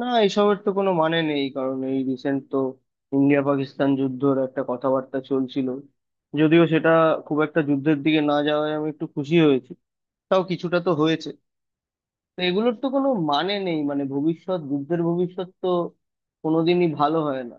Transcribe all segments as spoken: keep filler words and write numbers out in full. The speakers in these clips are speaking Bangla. না, এসবের তো কোনো মানে নেই। কারণ এই রিসেন্ট তো ইন্ডিয়া পাকিস্তান যুদ্ধর একটা কথাবার্তা চলছিল। যদিও সেটা খুব একটা যুদ্ধের দিকে না যাওয়ায় আমি একটু খুশি হয়েছি, তাও কিছুটা তো হয়েছে। তো এগুলোর তো কোনো মানে নেই, মানে ভবিষ্যৎ যুদ্ধের ভবিষ্যৎ তো কোনোদিনই ভালো হয় না।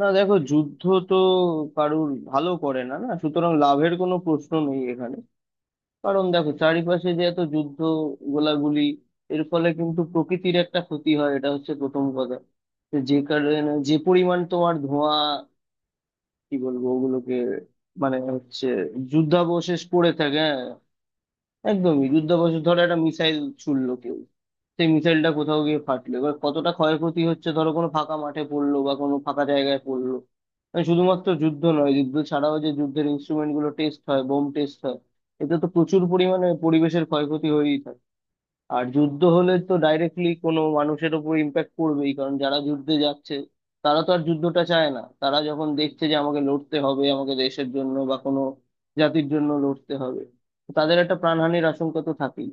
না, দেখো, যুদ্ধ তো কারুর ভালো করে না, না, সুতরাং লাভের কোনো প্রশ্ন নেই এখানে। কারণ দেখো চারিপাশে যে এত যুদ্ধ, গোলাগুলি, এর ফলে কিন্তু প্রকৃতির একটা ক্ষতি হয়, এটা হচ্ছে প্রথম কথা। তো যে কারণে যে পরিমাণ তোমার ধোঁয়া, কি বলবো ওগুলোকে, মানে হচ্ছে যুদ্ধাবশেষ পড়ে থাকে, হ্যাঁ। একদমই যুদ্ধাভ্যাস। ধরো একটা মিসাইল ছুড়লো কেউ, সেই মিসাইলটা কোথাও গিয়ে ফাটলো। এবার কতটা ক্ষয়ক্ষতি হচ্ছে, ধরো কোনো ফাঁকা মাঠে পড়লো বা কোনো ফাঁকা জায়গায় পড়লো। মানে শুধুমাত্র যুদ্ধ নয়, যুদ্ধ ছাড়াও যে যুদ্ধের ইনস্ট্রুমেন্ট গুলো টেস্ট হয়, বোম টেস্ট হয়, এতে তো প্রচুর পরিমাণে পরিবেশের ক্ষয়ক্ষতি হয়েই থাকে। আর যুদ্ধ হলে তো ডাইরেক্টলি কোনো মানুষের উপর ইম্প্যাক্ট পড়বেই, কারণ যারা যুদ্ধে যাচ্ছে, তারা তো আর যুদ্ধটা চায় না। তারা যখন দেখছে যে আমাকে লড়তে হবে, আমাকে দেশের জন্য বা কোনো জাতির জন্য লড়তে হবে, তো তাদের একটা প্রাণহানির আশঙ্কা তো থাকেই।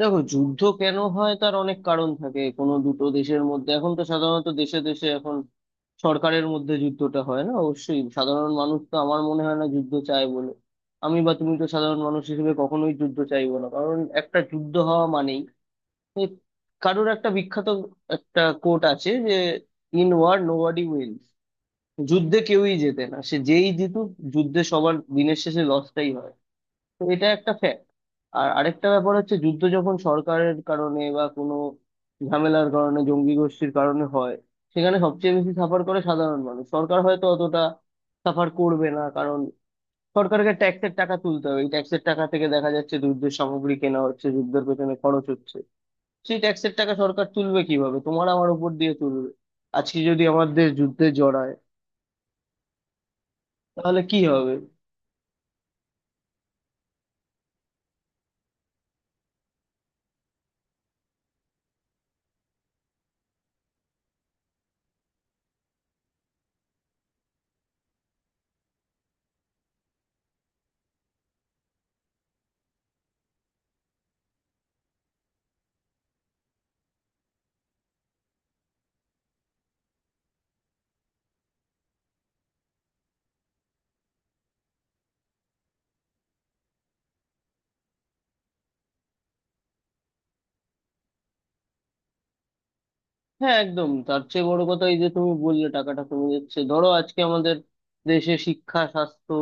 দেখো যুদ্ধ কেন হয় তার অনেক কারণ থাকে কোনো দুটো দেশের মধ্যে। এখন তো সাধারণত দেশে দেশে, এখন সরকারের মধ্যে যুদ্ধটা হয় না, অবশ্যই সাধারণ মানুষ তো আমার মনে হয় না যুদ্ধ চায় বলে। আমি বা তুমি তো সাধারণ মানুষ হিসেবে কখনোই যুদ্ধ চাইবো না। কারণ একটা যুদ্ধ হওয়া মানেই এ, কারুর একটা বিখ্যাত একটা কোট আছে যে, ইন ওয়ার নোবডি উইন্স, যুদ্ধে কেউই জেতে না, সে যেই জিতুক। যুদ্ধে সবার দিনের শেষে লসটাই হয়, তো এটা একটা ফ্যাক্ট। আর আরেকটা ব্যাপার হচ্ছে যুদ্ধ যখন সরকারের কারণে বা কোনো ঝামেলার কারণে, জঙ্গি গোষ্ঠীর কারণে হয়, সেখানে সবচেয়ে বেশি সাফার করে সাধারণ মানুষ। সরকার হয়তো অতটা সাফার করবে না, কারণ সরকারকে ট্যাক্সের টাকা তুলতে হবে। এই ট্যাক্সের টাকা থেকে দেখা যাচ্ছে যুদ্ধের সামগ্রী কেনা হচ্ছে, যুদ্ধের পেছনে খরচ হচ্ছে। সেই ট্যাক্সের টাকা সরকার তুলবে কিভাবে, তোমার আমার উপর দিয়ে তুলবে। আজকে যদি আমাদের যুদ্ধে জড়ায় তাহলে কি হবে? হ্যাঁ একদম। তার চেয়ে বড় কথা এই যে তুমি বললে টাকাটা কমে যাচ্ছে, ধরো আজকে আমাদের দেশে শিক্ষা, স্বাস্থ্য,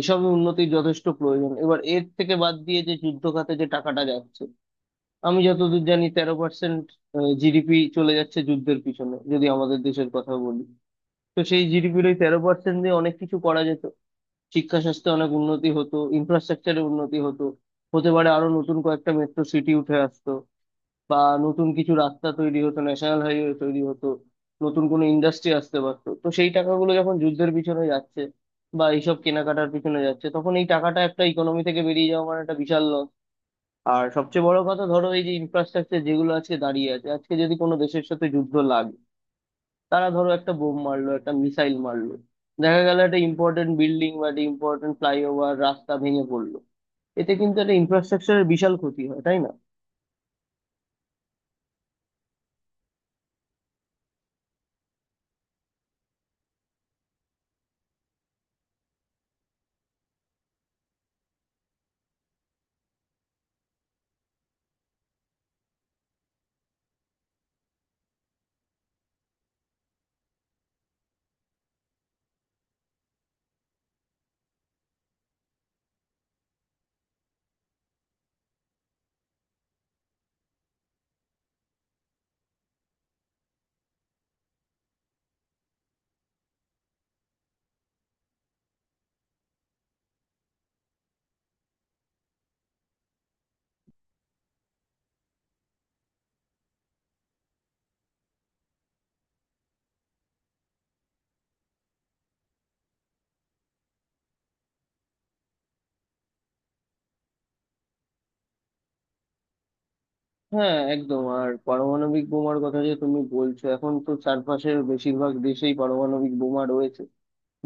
এসব উন্নতির যথেষ্ট প্রয়োজন। এবার এর থেকে বাদ দিয়ে যে যুদ্ধ খাতে যে টাকাটা যাচ্ছে, আমি যতদূর জানি তেরো পার্সেন্ট জিডিপি চলে যাচ্ছে যুদ্ধের পিছনে, যদি আমাদের দেশের কথা বলি। তো সেই জিডিপির ওই তেরো পার্সেন্ট দিয়ে অনেক কিছু করা যেত। শিক্ষা স্বাস্থ্যে অনেক উন্নতি হতো, ইনফ্রাস্ট্রাকচারে উন্নতি হতো। হতে পারে আরো নতুন কয়েকটা মেট্রো সিটি উঠে আসতো, বা নতুন কিছু রাস্তা তৈরি হতো, ন্যাশনাল হাইওয়ে তৈরি হতো, নতুন কোনো ইন্ডাস্ট্রি আসতে পারতো। তো সেই টাকাগুলো যখন যুদ্ধের পিছনে যাচ্ছে বা এইসব কেনাকাটার পিছনে যাচ্ছে, তখন এই টাকাটা একটা ইকোনমি থেকে বেরিয়ে যাওয়া মানে একটা বিশাল লস। আর সবচেয়ে বড় কথা, ধরো এই যে ইনফ্রাস্ট্রাকচার যেগুলো আজকে দাঁড়িয়ে আছে, আজকে যদি কোনো দেশের সাথে যুদ্ধ লাগে, তারা ধরো একটা বোম মারলো, একটা মিসাইল মারলো, দেখা গেল একটা ইম্পর্টেন্ট বিল্ডিং বা একটা ইম্পর্টেন্ট ফ্লাইওভার রাস্তা ভেঙে পড়লো, এতে কিন্তু একটা ইনফ্রাস্ট্রাকচারের বিশাল ক্ষতি হয়, তাই না? হ্যাঁ একদম। আর পারমাণবিক বোমার কথা যে তুমি বলছো, এখন তো চারপাশের বেশিরভাগ দেশেই পারমাণবিক বোমা রয়েছে।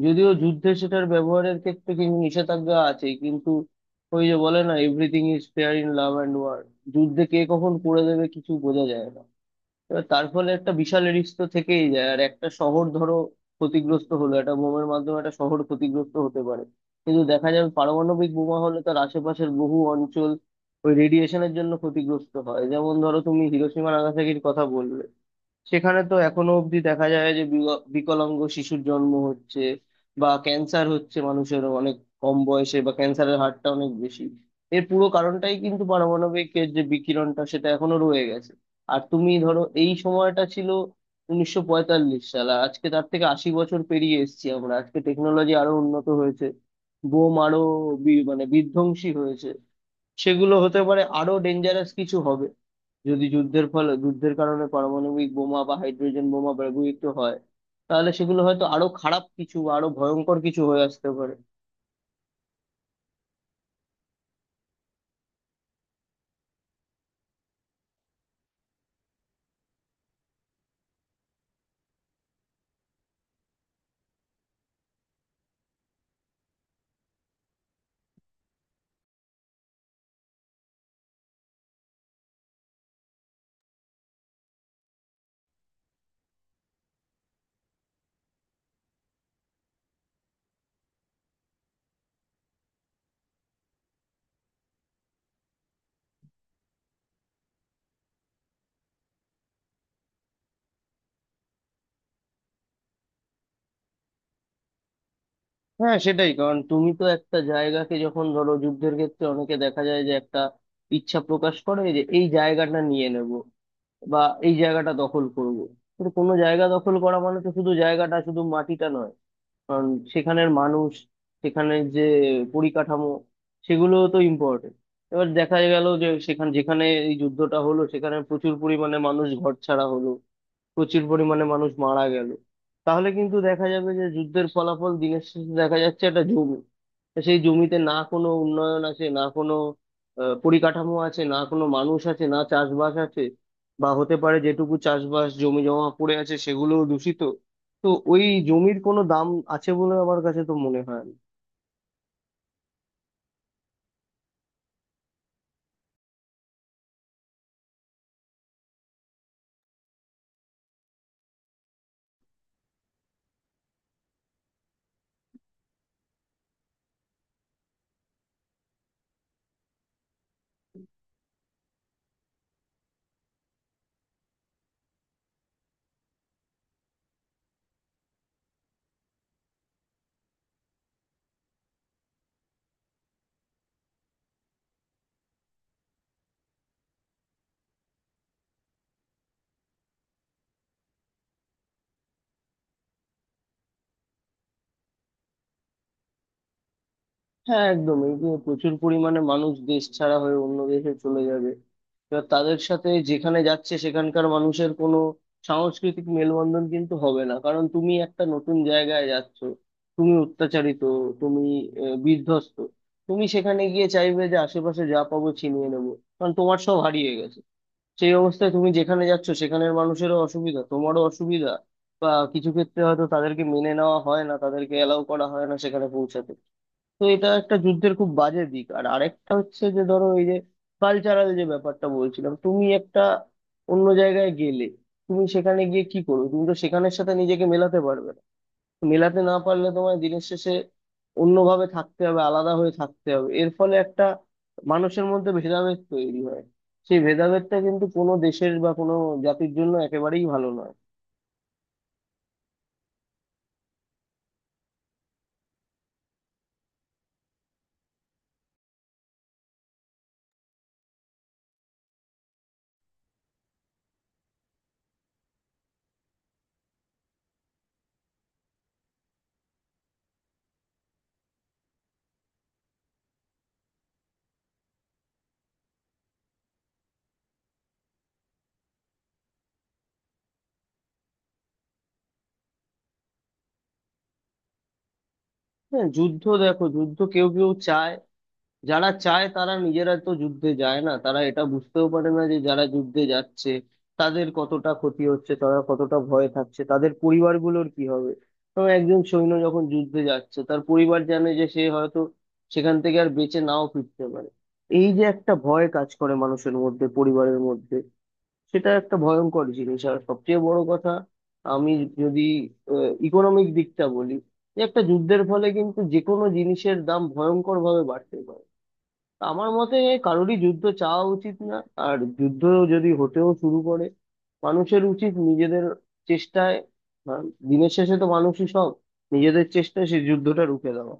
যদিও যুদ্ধে সেটার ব্যবহারের ক্ষেত্রে কিন্তু নিষেধাজ্ঞা আছে, কিন্তু ওই যে বলে না, everything is fair in love and war. যুদ্ধে কে কখন করে দেবে কিছু বোঝা যায় না। এবার তার ফলে একটা বিশাল রিস্ক তো থেকেই যায়। আর একটা শহর ধরো ক্ষতিগ্রস্ত হলো একটা বোমার মাধ্যমে, একটা শহর ক্ষতিগ্রস্ত হতে পারে, কিন্তু দেখা যাবে পারমাণবিক বোমা হলে তার আশেপাশের বহু অঞ্চল ওই রেডিয়েশনের জন্য ক্ষতিগ্রস্ত হয়। যেমন ধরো তুমি হিরোশিমা নাগাসাকির কথা বললে, সেখানে তো এখনো অবধি দেখা যায় যে বিগ- বিকলাঙ্গ শিশুর জন্ম হচ্ছে, বা ক্যান্সার হচ্ছে মানুষের অনেক কম বয়সে, বা ক্যান্সারের হারটা অনেক বেশি। এর পুরো কারণটাই কিন্তু পারমাণবিক এর যে বিকিরণটা, সেটা এখনো রয়ে গেছে। আর তুমি ধরো এই সময়টা ছিল উনিশশো পঁয়তাল্লিশ সাল, আর আজকে তার থেকে আশি বছর পেরিয়ে এসেছি আমরা। আজকে টেকনোলজি আরো উন্নত হয়েছে, বোম আরো বি- মানে বিধ্বংসী হয়েছে, সেগুলো হতে পারে আরো ডেঞ্জারাস কিছু হবে। যদি যুদ্ধের ফলে, যুদ্ধের কারণে পারমাণবিক বোমা বা হাইড্রোজেন বোমা ব্যবহৃত হয়, তাহলে সেগুলো হয়তো আরো খারাপ কিছু বা আরো ভয়ঙ্কর কিছু হয়ে আসতে পারে। হ্যাঁ সেটাই। কারণ তুমি তো একটা জায়গাকে যখন ধরো, যুদ্ধের ক্ষেত্রে অনেকে দেখা যায় যে একটা ইচ্ছা প্রকাশ করে যে এই জায়গাটা নিয়ে নেব বা এই জায়গাটা দখল করব। কিন্তু কোনো জায়গা দখল করা মানে তো শুধু জায়গাটা, শুধু মাটিটা নয়, কারণ সেখানের মানুষ, সেখানের যে পরিকাঠামো, সেগুলো তো ইম্পর্টেন্ট। এবার দেখা গেল যে সেখানে যেখানে এই যুদ্ধটা হলো, সেখানে প্রচুর পরিমাণে মানুষ ঘরছাড়া হলো, প্রচুর পরিমাণে মানুষ মারা গেল। তাহলে কিন্তু দেখা যাবে যে যুদ্ধের ফলাফল দিনের শেষে দেখা যাচ্ছে একটা জমি। তা সেই জমিতে না কোনো উন্নয়ন আছে, না কোনো আহ, পরিকাঠামো আছে, না কোনো মানুষ আছে, না চাষবাস আছে। বা হতে পারে যেটুকু চাষবাস জমি জমা পড়ে আছে, সেগুলোও দূষিত। তো ওই জমির কোনো দাম আছে বলে আমার কাছে তো মনে হয় না। হ্যাঁ একদম। এই যে প্রচুর পরিমাণে মানুষ দেশ ছাড়া হয়ে অন্য দেশে চলে যাবে, এবার তাদের সাথে যেখানে যাচ্ছে সেখানকার মানুষের কোনো সাংস্কৃতিক মেলবন্ধন কিন্তু হবে না, কারণ তুমি একটা নতুন জায়গায় যাচ্ছ। তুমি অত্যাচারিত, তুমি আহ, বিধ্বস্ত, তুমি সেখানে গিয়ে চাইবে যে আশেপাশে যা পাবো ছিনিয়ে নেবো, কারণ তোমার সব হারিয়ে গেছে। সেই অবস্থায় তুমি যেখানে যাচ্ছ সেখানের মানুষেরও অসুবিধা, তোমারও অসুবিধা। বা কিছু ক্ষেত্রে হয়তো তাদেরকে মেনে নেওয়া হয় না, তাদেরকে অ্যালাউ করা হয় না সেখানে পৌঁছাতে। তো এটা একটা যুদ্ধের খুব বাজে দিক। আর আরেকটা হচ্ছে যে ধরো এই যে কালচারাল যে ব্যাপারটা বলছিলাম, তুমি একটা অন্য জায়গায় গেলে তুমি সেখানে গিয়ে কি করবে, তুমি তো সেখানের সাথে নিজেকে মেলাতে পারবে না। মেলাতে না পারলে তোমায় দিনের শেষে অন্যভাবে থাকতে হবে, আলাদা হয়ে থাকতে হবে। এর ফলে একটা মানুষের মধ্যে ভেদাভেদ তৈরি হয়, সেই ভেদাভেদটা কিন্তু কোনো দেশের বা কোনো জাতির জন্য একেবারেই ভালো নয়। হ্যাঁ, যুদ্ধ দেখো যুদ্ধ কেউ কেউ চায়, যারা চায় তারা নিজেরা তো যুদ্ধে যায় না। তারা এটা বুঝতেও পারে না যে যারা যুদ্ধে যাচ্ছে তাদের কতটা ক্ষতি হচ্ছে, তারা কতটা ভয়ে থাকছে, তাদের পরিবারগুলোর কি হবে। তো একজন সৈন্য যখন যুদ্ধে যাচ্ছে তার পরিবার জানে যে সে হয়তো সেখান থেকে আর বেঁচে নাও ফিরতে পারে। এই যে একটা ভয় কাজ করে মানুষের মধ্যে, পরিবারের মধ্যে, সেটা একটা ভয়ঙ্কর জিনিস। আর সবচেয়ে বড় কথা আমি যদি ইকোনমিক দিকটা বলি, যে একটা যুদ্ধের ফলে কিন্তু যে কোনো জিনিসের দাম ভয়ঙ্কর ভাবে বাড়তে পারে। আমার মতে কারোরই যুদ্ধ চাওয়া উচিত না। আর যুদ্ধ যদি হতেও শুরু করে, মানুষের উচিত নিজেদের চেষ্টায়, আহ, দিনের শেষে তো মানুষই সব, নিজেদের চেষ্টায় সেই যুদ্ধটা রুখে দেওয়া।